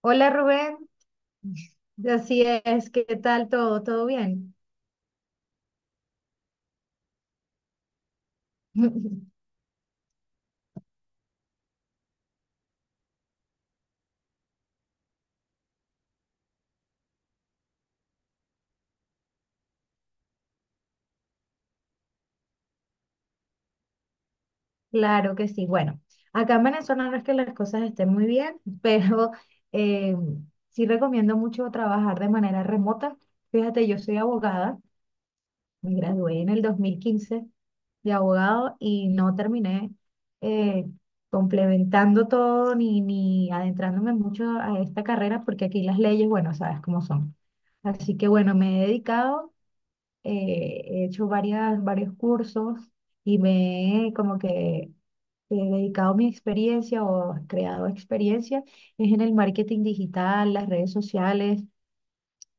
Hola Rubén, así es, ¿qué tal todo? ¿Todo bien? Claro que sí. Bueno, acá en Venezuela no es que las cosas estén muy bien, pero eh, sí recomiendo mucho trabajar de manera remota. Fíjate, yo soy abogada, me gradué en el 2015 de abogado y no terminé eh, complementando todo ni adentrándome mucho a esta carrera porque aquí las leyes, bueno, sabes cómo son. Así que bueno, me he dedicado, he hecho varios cursos y me he como que he dedicado mi experiencia o creado experiencia es en el marketing digital, las redes sociales.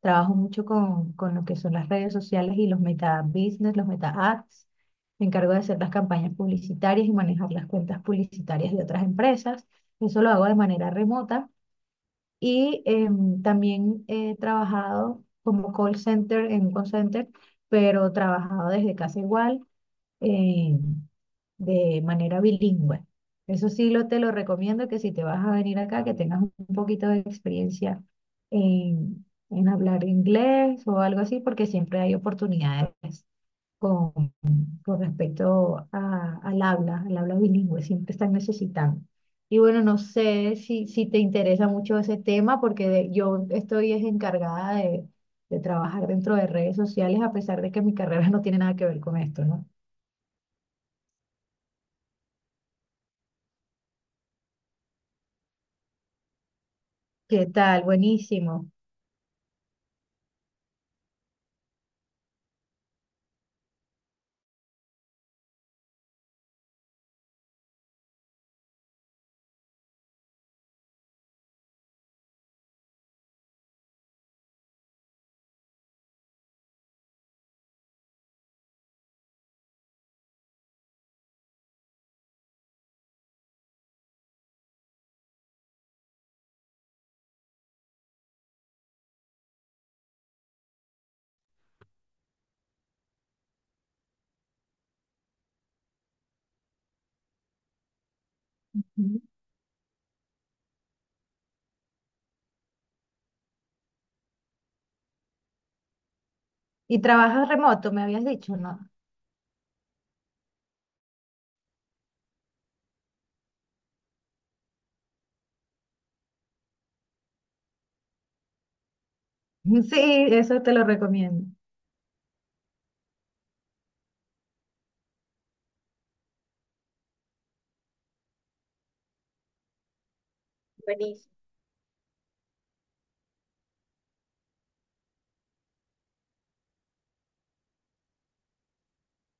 Trabajo mucho con lo que son las redes sociales y los meta business, los meta ads. Me encargo de hacer las campañas publicitarias y manejar las cuentas publicitarias de otras empresas. Eso lo hago de manera remota. Y también he trabajado como call center en un call center, pero trabajado desde casa igual, eh, de manera bilingüe. Eso sí te lo recomiendo que si te vas a venir acá, que tengas un poquito de experiencia en hablar inglés o algo así, porque siempre hay oportunidades con respecto al habla bilingüe, siempre están necesitando. Y bueno, no sé si te interesa mucho ese tema, porque yo estoy es encargada de trabajar dentro de redes sociales, a pesar de que mi carrera no tiene nada que ver con esto, ¿no? ¿Qué tal? Buenísimo. Ujú. Y trabajas remoto, me habías dicho, ¿no? Sí, eso te lo recomiendo. Buenísimo.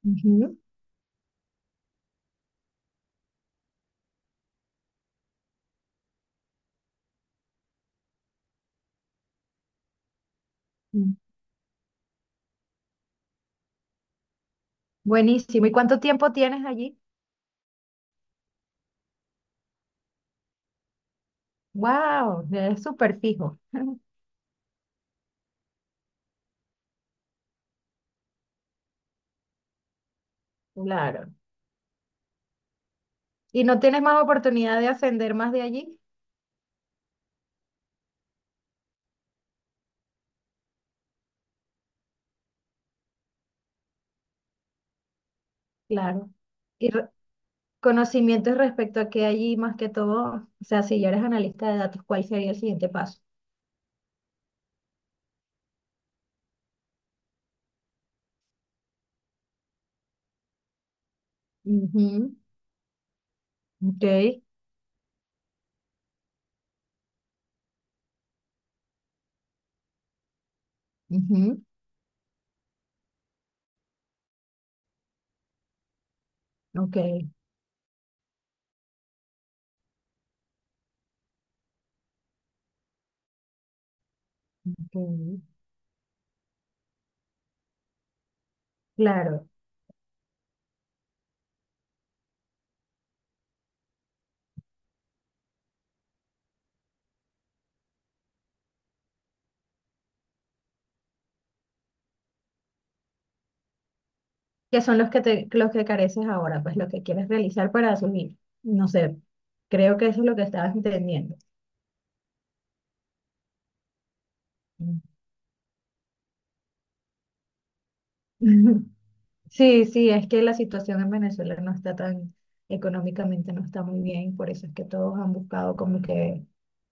Ujú. Mm. Buenísimo. ¿Y cuánto tiempo tienes allí? Wow, es súper fijo. Claro. Y no tienes más oportunidad de ascender más de allí, claro. Y re- Conocimientos respecto a que allí, más que todo, o sea, si ya eres analista de datos, ¿cuál sería el siguiente paso? Ujú, ok, ujú, ok, ok, claro, que son los los que careces ahora, pues lo que quieres realizar para asumir. No sé, creo que eso es lo que estabas entendiendo. Mm. Sí, sí, es que la situación en Venezuela no está tan, económicamente no está muy bien, por eso es que todos han buscado como que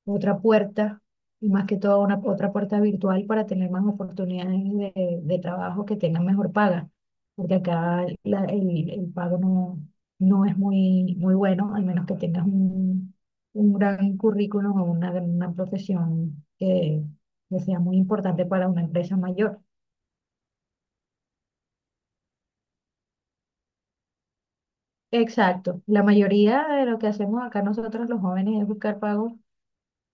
otra puerta, y más que todo una otra puerta virtual para tener más oportunidades de trabajo que tengan mejor paga, porque acá el pago no es muy, muy bueno, al menos que tengas un gran currículum o una profesión que sea muy importante para una empresa mayor. Exacto. La mayoría de lo que hacemos acá nosotros los jóvenes es buscar pagos,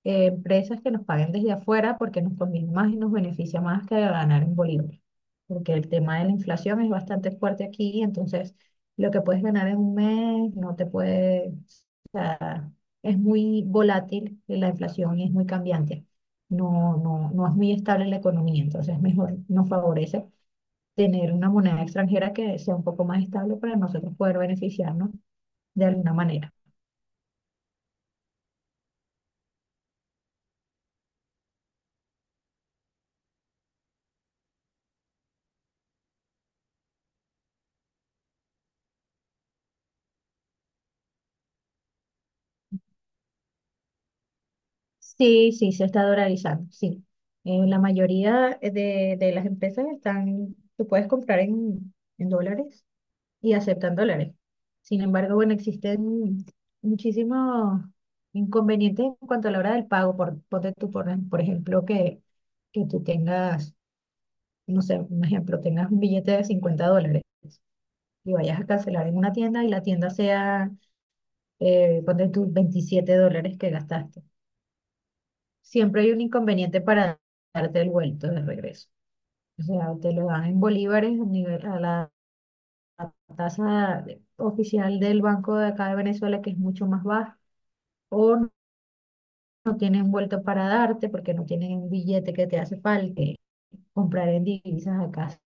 empresas que nos paguen desde afuera porque nos conviene más y nos beneficia más que ganar en bolívares. Porque el tema de la inflación es bastante fuerte aquí, entonces lo que puedes ganar en un mes no te puede, o sea, es muy volátil la inflación y es muy cambiante. No, no, no es muy estable la economía, entonces mejor nos favorece tener una moneda extranjera que sea un poco más estable para nosotros poder beneficiarnos de alguna manera. Sí, sí, se está dolarizando, sí. La mayoría de las empresas están, tú puedes comprar en dólares y aceptan dólares. Sin embargo, bueno, existen muchísimos inconvenientes en cuanto a la hora del pago. Ponte tú, por ejemplo, que tú tengas, no sé, un ejemplo, tengas un billete de $50 y vayas a cancelar en una tienda y la tienda sea, ponte tú, $27 que gastaste, siempre hay un inconveniente para darte el vuelto de regreso. O sea, te lo dan en bolívares a la tasa oficial del banco de acá de Venezuela, que es mucho más baja, o no tienen vuelto para darte porque no tienen un billete que te hace falta comprar en divisas acá.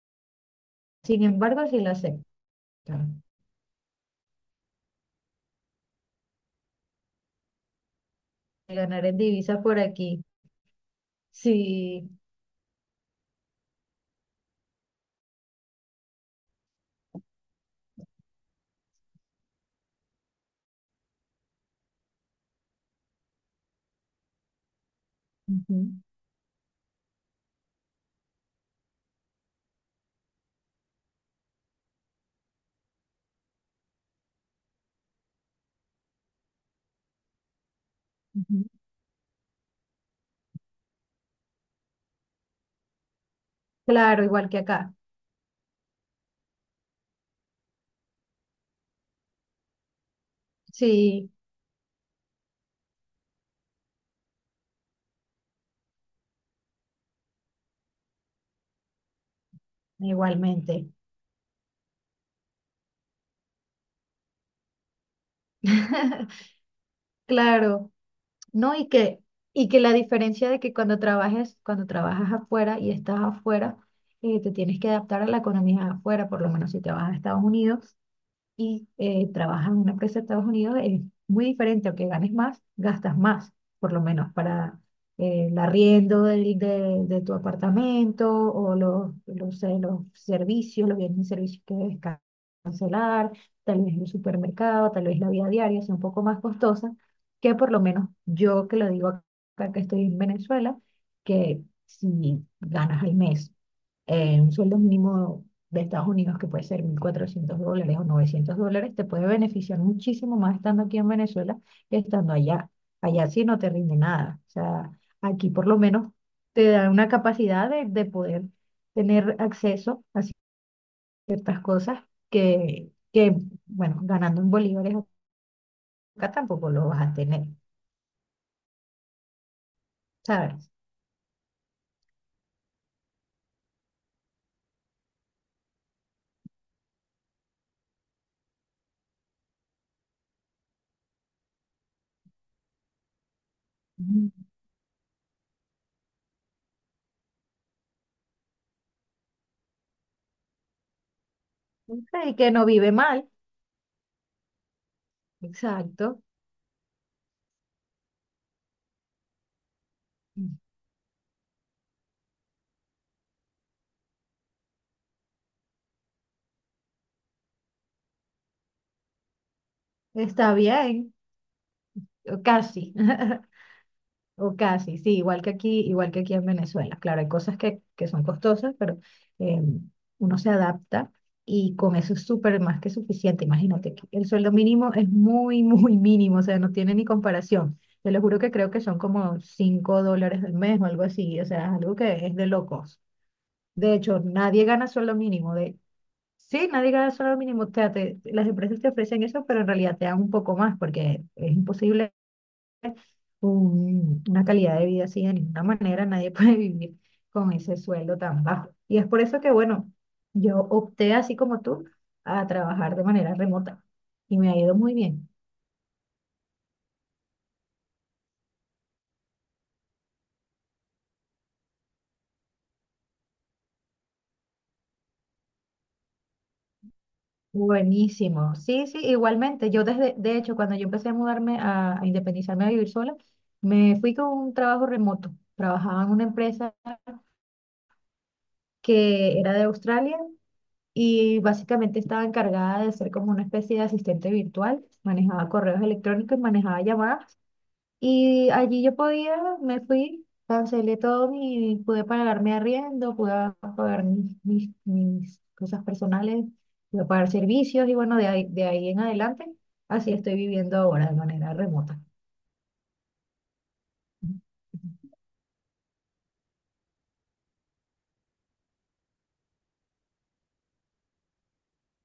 Sin embargo, si lo aceptan. De ganar en divisas por aquí, sí. Ujú, ujú. Claro, igual que acá. Sí, igualmente. Claro. ¿No? Y que la diferencia de que cuando trabajas afuera y estás afuera, te tienes que adaptar a la economía afuera, por lo menos si te vas a Estados Unidos, y trabajas en una empresa de Estados Unidos, es muy diferente, aunque ganes más, gastas más, por lo menos para el arriendo de tu apartamento o los servicios, los bienes y servicios que debes cancelar, tal vez el supermercado, tal vez la vida diaria sea un poco más costosa, que por lo menos yo que lo digo acá que estoy en Venezuela, que si ganas al mes un sueldo mínimo de Estados Unidos, que puede ser $1.400 o $900, te puede beneficiar muchísimo más estando aquí en Venezuela que estando allá. Allá sí no te rinde nada. O sea, aquí por lo menos te da una capacidad de poder tener acceso a ciertas cosas que, que, bueno, ganando en bolívares acá tampoco lo vas a tener, ¿sabes? Mm. El que no vive mal, exacto, está bien, casi. O casi, sí, igual que aquí en Venezuela. Claro, hay cosas que son costosas, pero eh, uno se adapta y con eso es súper más que suficiente. Imagínate, aquí el sueldo mínimo es muy, muy mínimo, o sea, no tiene ni comparación. Te lo juro que creo que son como $5 al mes o algo así, o sea, es algo que es de locos. De hecho, nadie gana sueldo mínimo. Sí, nadie gana sueldo mínimo. O sea, las empresas te ofrecen eso, pero en realidad te dan un poco más porque es imposible una calidad de vida así, de ninguna manera nadie puede vivir con ese sueldo tan bajo. Y es por eso que, bueno, yo opté así como tú a trabajar de manera remota y me ha ido muy bien. Buenísimo. Sí, sí, igualmente. De hecho, cuando yo empecé a mudarme, a independizarme, a vivir sola, me fui con un trabajo remoto. Trabajaba en una empresa que era de Australia y básicamente estaba encargada de ser como una especie de asistente virtual. Manejaba correos electrónicos, manejaba llamadas. Y allí yo podía, me fui, cancelé todo y pude pagar mi arriendo, pude pagar mis cosas personales, pude pagar servicios y bueno, de ahí en adelante, así estoy viviendo ahora de manera remota.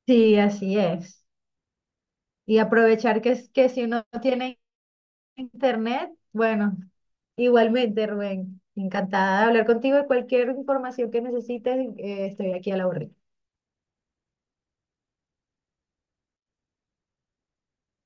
Sí, así es. Y aprovechar que, que si uno tiene internet, bueno, igualmente, Rubén, encantada de hablar contigo y cualquier información que necesites, estoy aquí a la orden.